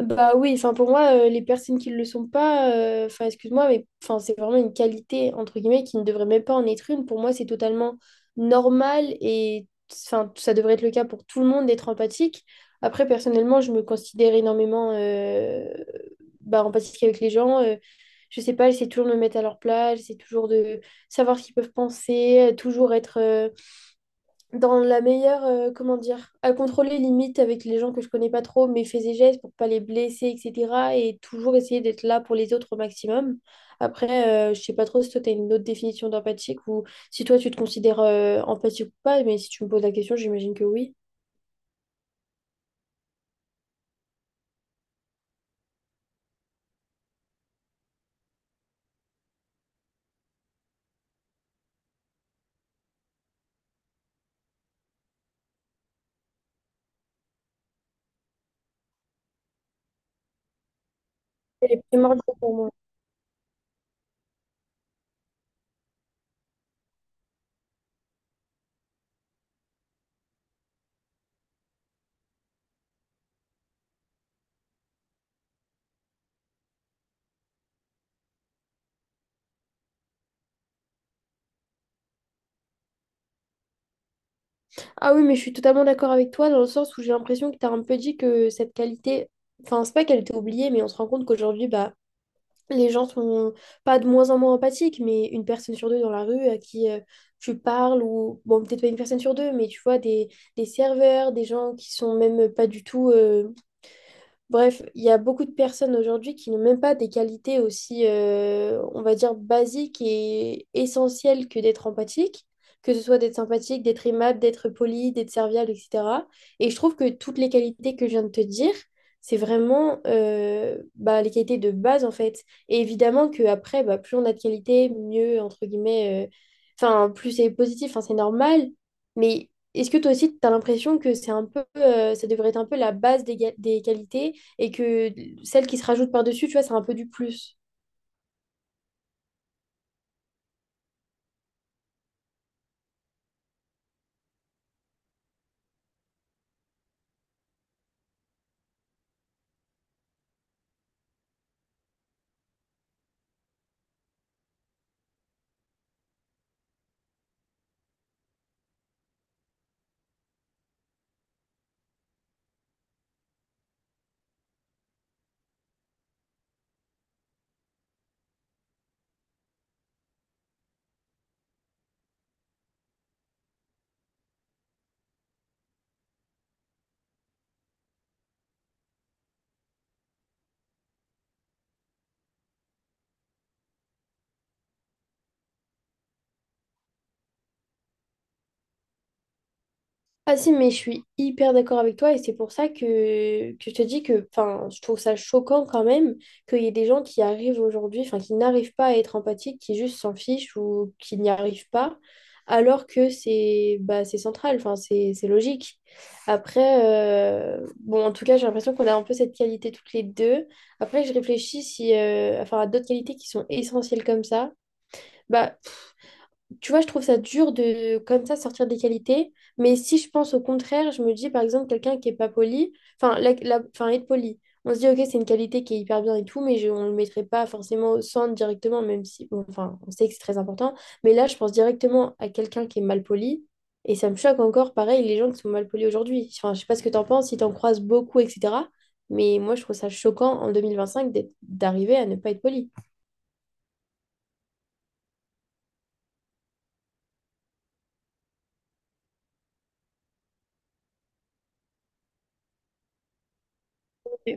Bah oui, enfin pour moi, les personnes qui ne le sont pas, enfin excuse-moi, mais enfin, c'est vraiment une qualité, entre guillemets, qui ne devrait même pas en être une. Pour moi, c'est totalement normal et enfin, ça devrait être le cas pour tout le monde d'être empathique. Après, personnellement, je me considère énormément bah, empathique avec les gens. Je sais pas, j'essaie toujours de me mettre à leur place, j'essaie toujours de savoir ce qu'ils peuvent penser, toujours être, dans la meilleure, comment dire, à contrôler limite avec les gens que je connais pas trop, mais fais et gestes pour pas les blesser, etc. Et toujours essayer d'être là pour les autres au maximum. Après, je sais pas trop si toi tu as une autre définition d'empathique ou si toi tu te considères empathique ou pas, mais si tu me poses la question, j'imagine que oui. Elle est primordiale pour moi. Ah oui, mais je suis totalement d'accord avec toi dans le sens où j'ai l'impression que tu un peu dit que cette qualité, enfin, c'est pas qu'elle était oubliée, mais on se rend compte qu'aujourd'hui, bah, les gens sont pas de moins en moins empathiques, mais une personne sur deux dans la rue à qui tu parles, ou bon, peut-être pas une personne sur deux, mais tu vois, des serveurs, des gens qui sont même pas du tout bref, il y a beaucoup de personnes aujourd'hui qui n'ont même pas des qualités aussi, on va dire, basiques et essentielles que d'être empathique, que ce soit d'être sympathique, d'être aimable, d'être poli, d'être serviable, etc. Et je trouve que toutes les qualités que je viens de te dire, c'est vraiment bah, les qualités de base, en fait. Et évidemment qu'après, bah, plus on a de qualités, mieux, entre guillemets, enfin, plus c'est positif, enfin, c'est normal. Mais est-ce que toi aussi, tu as l'impression que c'est un peu, ça devrait être un peu la base des, des qualités? Et que celle qui se rajoute par-dessus, tu vois, c'est un peu du plus. Ah si, mais je suis hyper d'accord avec toi et c'est pour ça que je te dis que enfin, je trouve ça choquant quand même qu'il y ait des gens qui arrivent aujourd'hui, enfin qui n'arrivent pas à être empathiques, qui juste s'en fichent ou qui n'y arrivent pas, alors que c'est bah, c'est central, enfin c'est logique. Après, bon, en tout cas, j'ai l'impression qu'on a un peu cette qualité toutes les deux. Après, je réfléchis si, enfin, à d'autres qualités qui sont essentielles comme ça. Bah, tu vois, je trouve ça dur de comme ça sortir des qualités. Mais si je pense au contraire, je me dis par exemple quelqu'un qui est pas poli, enfin, enfin être poli. On se dit, ok, c'est une qualité qui est hyper bien et tout, mais je, on ne le mettrait pas forcément au centre directement, même si, bon, enfin, on sait que c'est très important. Mais là, je pense directement à quelqu'un qui est mal poli. Et ça me choque encore, pareil, les gens qui sont mal polis aujourd'hui. Enfin, je sais pas ce que t'en penses, si t'en en croises beaucoup, etc. Mais moi, je trouve ça choquant en 2025 d'arriver à ne pas être poli. Ok.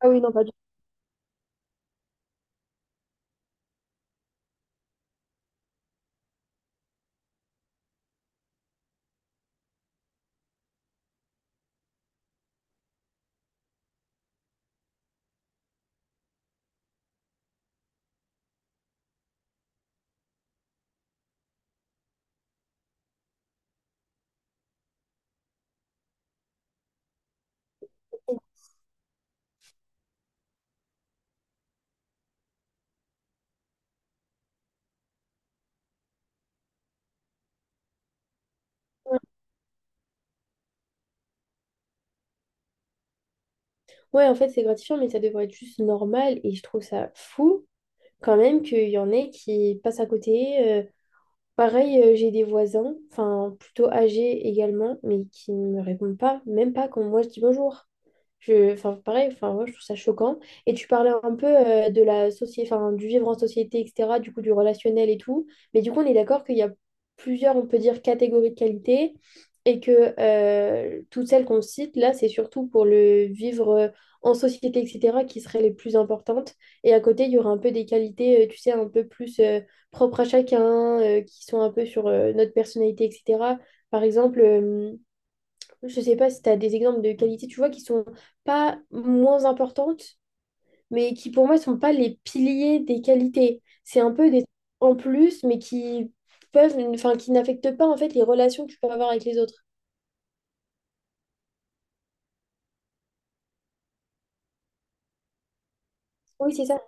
Ah oui, non, pas du tout. Ouais, en fait, c'est gratifiant, mais ça devrait être juste normal. Et je trouve ça fou quand même qu'il y en ait qui passent à côté. Pareil, j'ai des voisins, enfin plutôt âgés également, mais qui ne me répondent pas, même pas quand moi je dis bonjour. Je, enfin, pareil, enfin, moi, je trouve ça choquant. Et tu parlais un peu de la société, enfin, du vivre en société, etc., du coup, du relationnel et tout. Mais du coup, on est d'accord qu'il y a plusieurs, on peut dire, catégories de qualités et que toutes celles qu'on cite, là, c'est surtout pour le vivre en société, etc., qui seraient les plus importantes. Et à côté, il y aura un peu des qualités, tu sais, un peu plus propres à chacun, qui sont un peu sur notre personnalité, etc. Par exemple, je sais pas si tu as des exemples de qualités, tu vois, qui sont pas moins importantes, mais qui pour moi sont pas les piliers des qualités. C'est un peu des trucs en plus, mais qui peuvent, enfin, qui n'affectent pas en fait les relations que tu peux avoir avec les autres. Oui, c'est ça.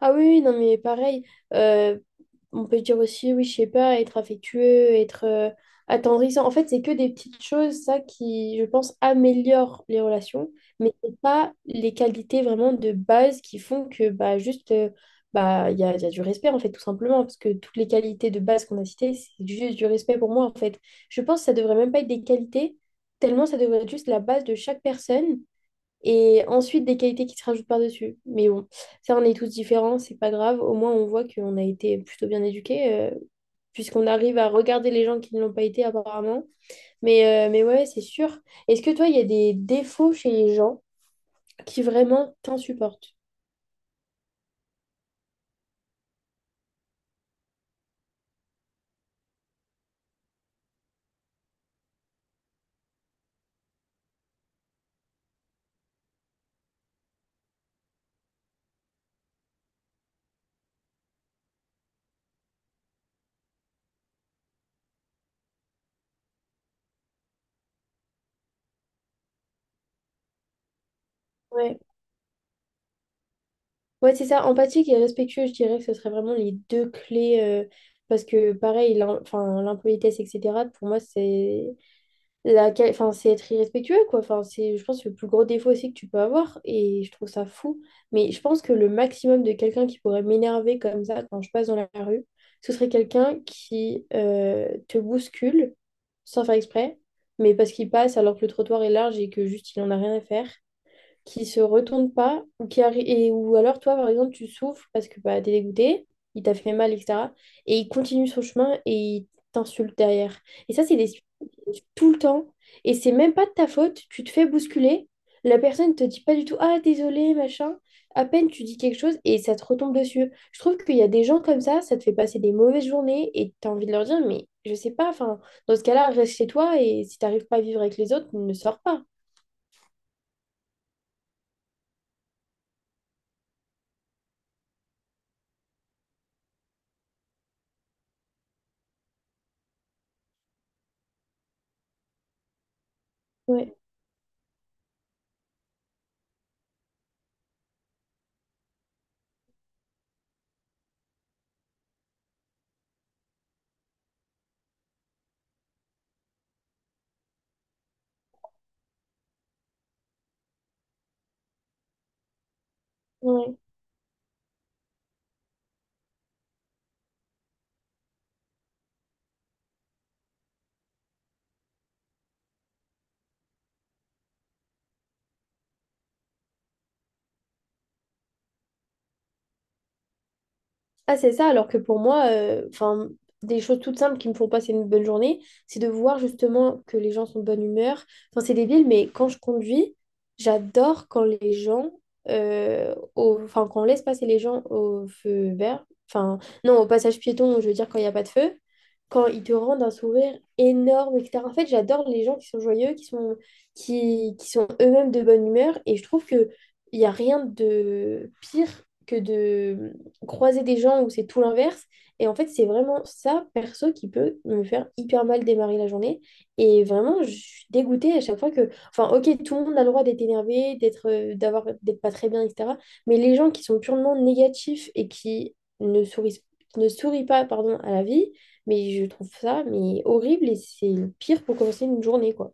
Ah oui, oui, non, mais pareil, euh, on peut dire aussi, oui, je sais pas, être affectueux, être attendrissant. En fait, c'est que des petites choses, ça, qui, je pense, améliorent les relations, mais c'est pas les qualités vraiment de base qui font que, bah, juste, bah, il y a du respect, en fait, tout simplement, parce que toutes les qualités de base qu'on a citées, c'est juste du respect pour moi, en fait. Je pense que ça devrait même pas être des qualités, tellement ça devrait être juste la base de chaque personne. Et ensuite, des qualités qui se rajoutent par-dessus. Mais bon, ça, on est tous différents, c'est pas grave. Au moins, on voit qu'on a été plutôt bien éduqués, puisqu'on arrive à regarder les gens qui ne l'ont pas été, apparemment. Mais ouais, c'est sûr. Est-ce que toi, il y a des défauts chez les gens qui vraiment t'insupportent? Ouais, ouais, c'est ça. Empathique et respectueux, je dirais que ce serait vraiment les deux clés. Parce que, pareil, enfin, l'impolitesse, etc., pour moi, c'est enfin, c'est être irrespectueux, quoi. Enfin, c'est, je pense, le plus gros défaut aussi que tu peux avoir. Et je trouve ça fou. Mais je pense que le maximum de quelqu'un qui pourrait m'énerver comme ça quand je passe dans la rue, ce serait quelqu'un qui te bouscule sans faire exprès, mais parce qu'il passe alors que le trottoir est large et que juste il en a rien à faire qui se retourne pas, ou, ou alors toi, par exemple, tu souffres parce que bah, t'es dégoûté, il t'a fait mal, etc. Et il continue son chemin et il t'insulte derrière. Et ça, c'est des tout le temps. Et c'est même pas de ta faute, tu te fais bousculer, la personne te dit pas du tout, ah, désolé, machin. À peine tu dis quelque chose et ça te retombe dessus. Je trouve qu'il y a des gens comme ça te fait passer des mauvaises journées et t'as envie de leur dire, mais je sais pas, enfin, dans ce cas-là, reste chez toi et si t'arrives pas à vivre avec les autres, ne sors pas. Ouais. Ouais. Ah, c'est ça, alors que pour moi, enfin, des choses toutes simples qui me font passer une bonne journée, c'est de voir justement que les gens sont de bonne humeur. Enfin, c'est débile, mais quand je conduis, j'adore quand les gens, enfin, quand on laisse passer les gens au feu vert, enfin, non, au passage piéton, je veux dire quand il n'y a pas de feu, quand ils te rendent un sourire énorme, etc. En fait, j'adore les gens qui sont joyeux, qui sont eux-mêmes de bonne humeur, et je trouve que il n'y a rien de pire que de croiser des gens où c'est tout l'inverse. Et en fait, c'est vraiment ça, perso, qui peut me faire hyper mal démarrer la journée. Et vraiment, je suis dégoûtée à chaque fois que... Enfin, ok, tout le monde a le droit d'être énervé, d'être, d'être pas très bien, etc. Mais les gens qui sont purement négatifs et qui ne sourient pas, pardon, à la vie, mais je trouve ça mais horrible et c'est le pire pour commencer une journée, quoi.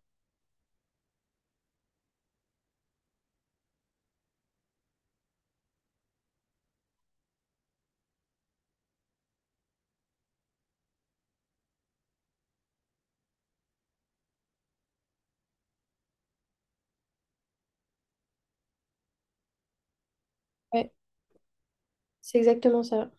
Ouais, c'est exactement ça.